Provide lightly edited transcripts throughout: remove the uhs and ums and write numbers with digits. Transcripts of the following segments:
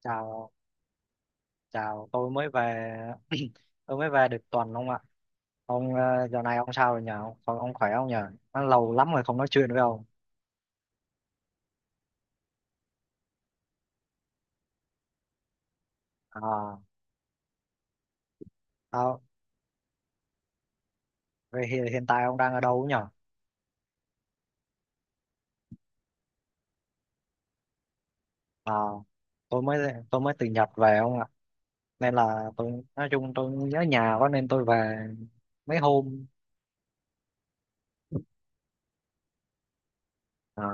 Chào, tôi mới về, tôi mới về được tuần ông ạ. Ông giờ này ông sao rồi nhờ? Ông khỏe không nhờ? Nó lâu lắm rồi không nói chuyện với ông. À, tao, vậy hiện tại ông đang ở đâu nhờ? À, tôi mới tôi mới từ Nhật về ông ạ. Nên là tôi nói chung tôi nhớ nhà quá nên tôi về mấy hôm. À,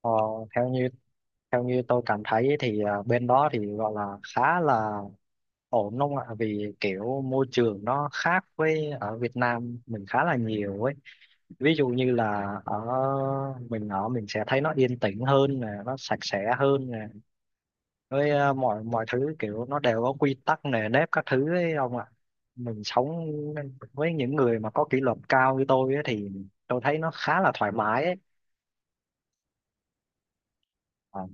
Ờ, theo như theo như tôi cảm thấy ấy thì bên đó thì gọi là khá là ổn đúng không ạ, vì kiểu môi trường nó khác với ở Việt Nam mình khá là nhiều ấy, ví dụ như là ở mình, ở mình sẽ thấy nó yên tĩnh hơn nè, nó sạch sẽ hơn nè, với mọi mọi thứ kiểu nó đều có quy tắc nề nếp các thứ ấy ông ạ. Mình sống với những người mà có kỷ luật cao như tôi ấy thì tôi thấy nó khá là thoải mái ấy. Ờ.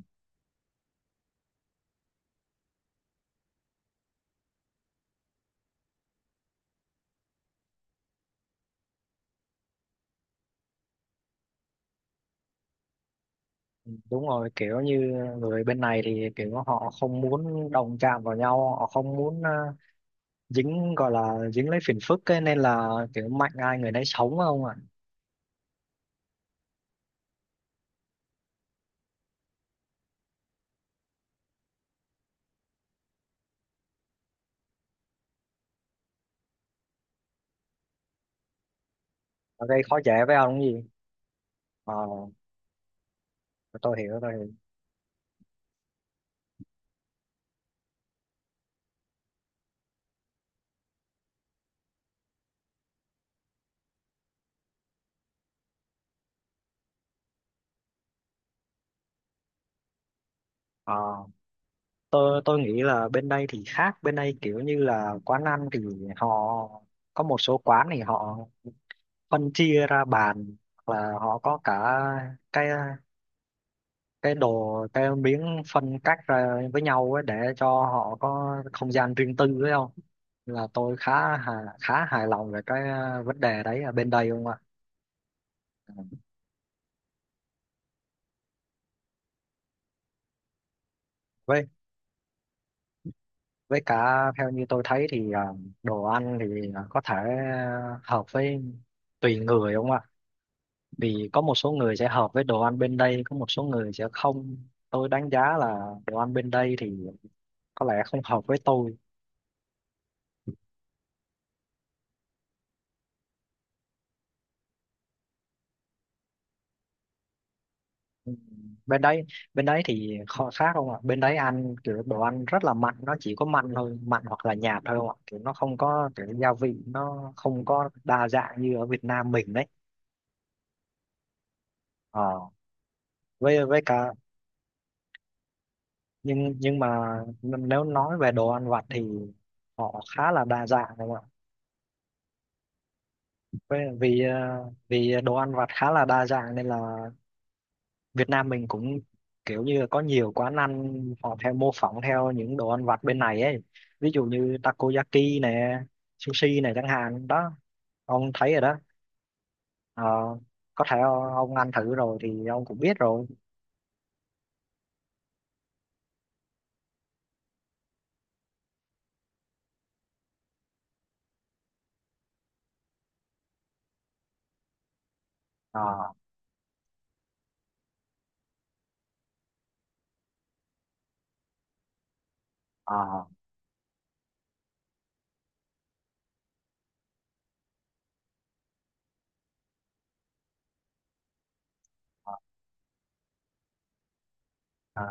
Đúng rồi, kiểu như người bên này thì kiểu họ không muốn đụng chạm vào nhau, họ không muốn dính, gọi là dính lấy phiền phức ấy, nên là kiểu mạnh ai người nấy sống không ạ. Ở gây khó dễ với ông cái gì. Ờ, tôi hiểu, ờ, tôi nghĩ là bên đây thì khác, bên đây kiểu như là quán ăn thì họ, có một số quán thì họ phân chia ra bàn, hoặc là họ có cả cái cái đồ, cái miếng phân cắt ra với nhau ấy để cho họ có không gian riêng tư ấy không, là tôi khá hài lòng về cái vấn đề đấy ở bên đây không ạ. với với cả theo như tôi thấy thì đồ ăn thì có thể hợp với, tùy người không ạ, vì có một số người sẽ hợp với đồ ăn bên đây, có một số người sẽ không. Tôi đánh giá là đồ ăn bên đây thì có lẽ không hợp với tôi. Ừ. bên đấy bên đấy thì kho khác không ạ, bên đấy ăn kiểu đồ ăn rất là mặn, nó chỉ có mặn thôi, mặn hoặc là nhạt thôi không ạ, kiểu nó không có kiểu gia vị, nó không có đa dạng như ở Việt Nam mình đấy. Ờ, với cả nhưng nhưng mà nếu nói về đồ ăn vặt thì họ khá là đa dạng không ạ. Với- vì vì đồ ăn vặt khá là đa dạng nên là Việt Nam mình cũng kiểu như là có nhiều quán ăn, họ theo mô phỏng theo những đồ ăn vặt bên này ấy, ví dụ như takoyaki nè, sushi này chẳng hạn đó, ông thấy rồi đó. Ờ, có thể ông ăn thử rồi thì ông cũng biết rồi. Ờ, ờ, ờ, ờ,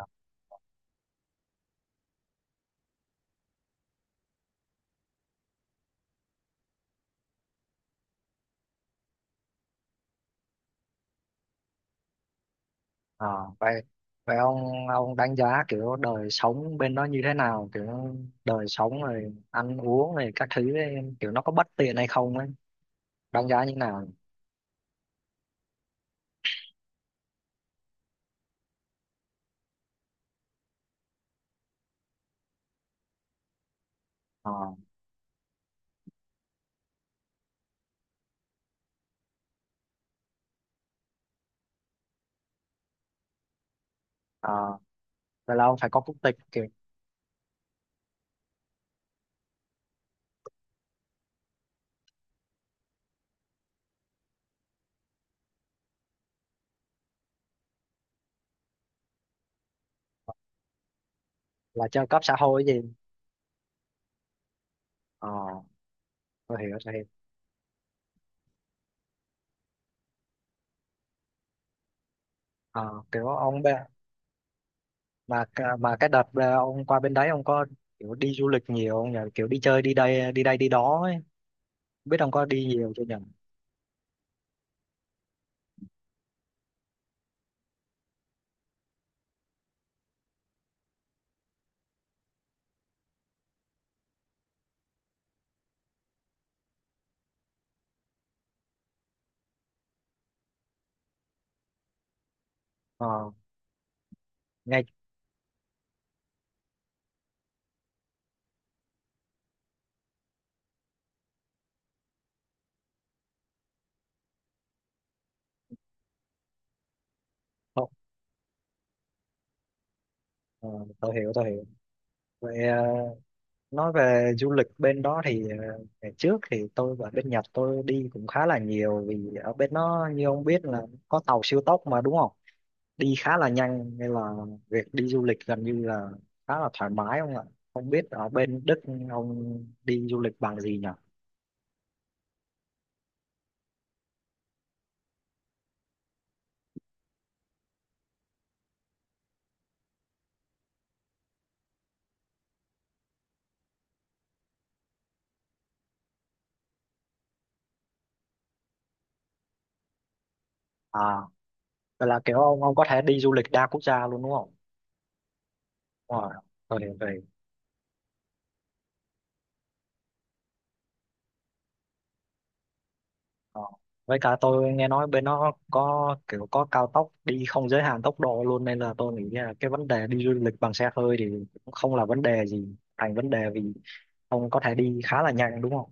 ờ. Vậy vậy ông đánh giá kiểu đời sống bên đó như thế nào, kiểu đời sống rồi ăn uống rồi các thứ ấy, kiểu nó có bất tiện hay không ấy, đánh giá như nào. Ờ, ờ. Vậy là ông phải có quốc tịch. Là trợ cấp xã hội gì. Ờ, tôi hiểu, ờ, kiểu ông bê- mà c- mà cái đợt ông qua bên đấy ông có kiểu đi du lịch nhiều không nhỉ, kiểu đi chơi đi đây, đi đây đi đó ấy. Không biết ông có đi nhiều chưa nhỉ. Ờ nghe không ờ, tôi hiểu, vậy nói về du lịch bên đó thì ngày trước thì tôi ở bên Nhật tôi đi cũng khá là nhiều, vì ở bên nó như ông biết là có tàu siêu tốc mà đúng không, đi khá là nhanh nên là việc đi du lịch gần như là khá là thoải mái không ạ. Không biết ở bên Đức ông đi du lịch bằng gì nhỉ. À, vậy là kiểu ông có thể đi du lịch đa quốc gia luôn đúng không. Wow, tôi hiểu rồi. Ờ. Với cả tôi nghe nói bên nó có kiểu có cao tốc đi không giới hạn tốc độ luôn, nên là tôi nghĩ là cái vấn đề đi du lịch bằng xe hơi thì cũng không là vấn đề gì, thành vấn đề vì ông có thể đi khá là nhanh đúng không.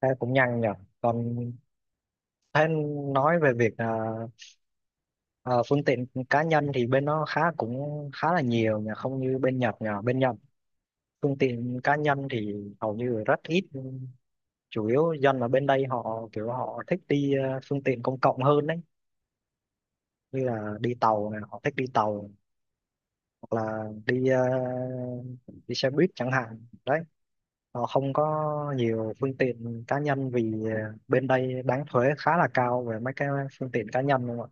Thế cũng nhanh nhỉ. Còn thế nói về việc Ờ, phương tiện cá nhân thì bên nó khá cũng khá là nhiều nhờ, không như bên Nhật nhờ, bên Nhật phương tiện cá nhân thì hầu như rất ít, chủ yếu dân ở bên đây họ kiểu họ thích đi phương tiện công cộng hơn đấy, như là đi tàu này, họ thích đi tàu, hoặc là đi đi xe buýt chẳng hạn đấy, họ không có nhiều phương tiện cá nhân vì bên đây đánh thuế khá là cao về mấy cái phương tiện cá nhân luôn ạ.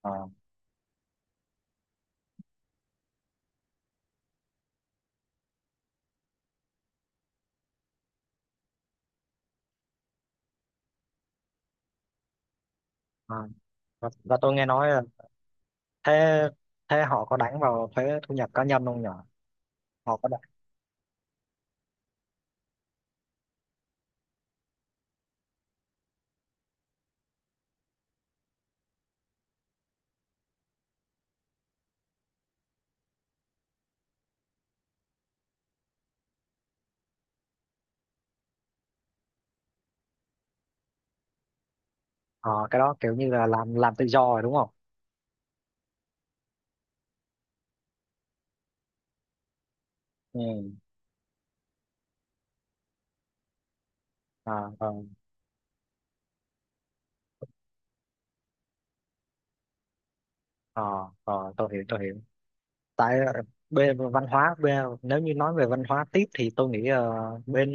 Ờ, ờ. Và tôi nghe nói là, thế, thế họ có đánh vào thuế thu nhập cá nhân không nhỉ, họ có đánh. Ờ, cái đó kiểu như là làm tự do rồi đúng không. ừ à ờ ờ ờ, tôi hiểu, tại bên văn hóa bên, nếu như nói về văn hóa tiếp thì tôi nghĩ bên,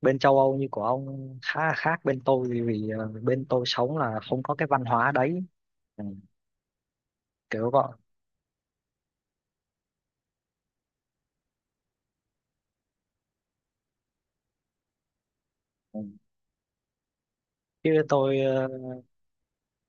bên châu Âu như của ông khá là khác bên tôi vì, vì bên tôi sống là không có cái văn hóa đấy. Ừ, kiểu gọi. Ừ, chứ tôi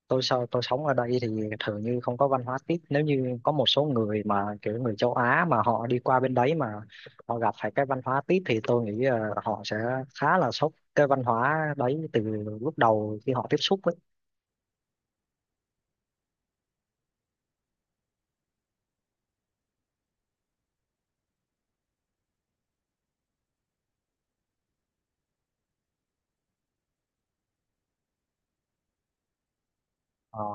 tôi sao tôi sống ở đây thì thường như không có văn hóa tiếp, nếu như có một số người mà kiểu người châu Á mà họ đi qua bên đấy mà họ gặp phải cái văn hóa tiếp thì tôi nghĩ họ sẽ khá là sốc cái văn hóa đấy từ lúc đầu khi họ tiếp xúc ấy. Ờ,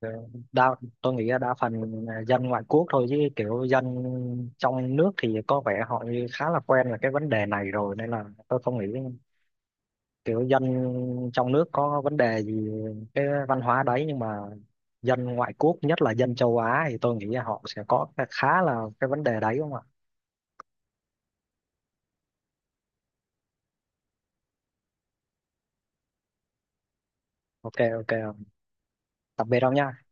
ờ, đa, tôi nghĩ là đa phần là dân ngoại quốc thôi, chứ kiểu dân trong nước thì có vẻ họ như khá là quen là cái vấn đề này rồi, nên là tôi không nghĩ kiểu dân trong nước có vấn đề gì cái văn hóa đấy, nhưng mà dân ngoại quốc nhất là dân châu Á thì tôi nghĩ là họ sẽ có khá là cái vấn đề đấy đúng không ạ. OK, OK, tạm biệt ông nha.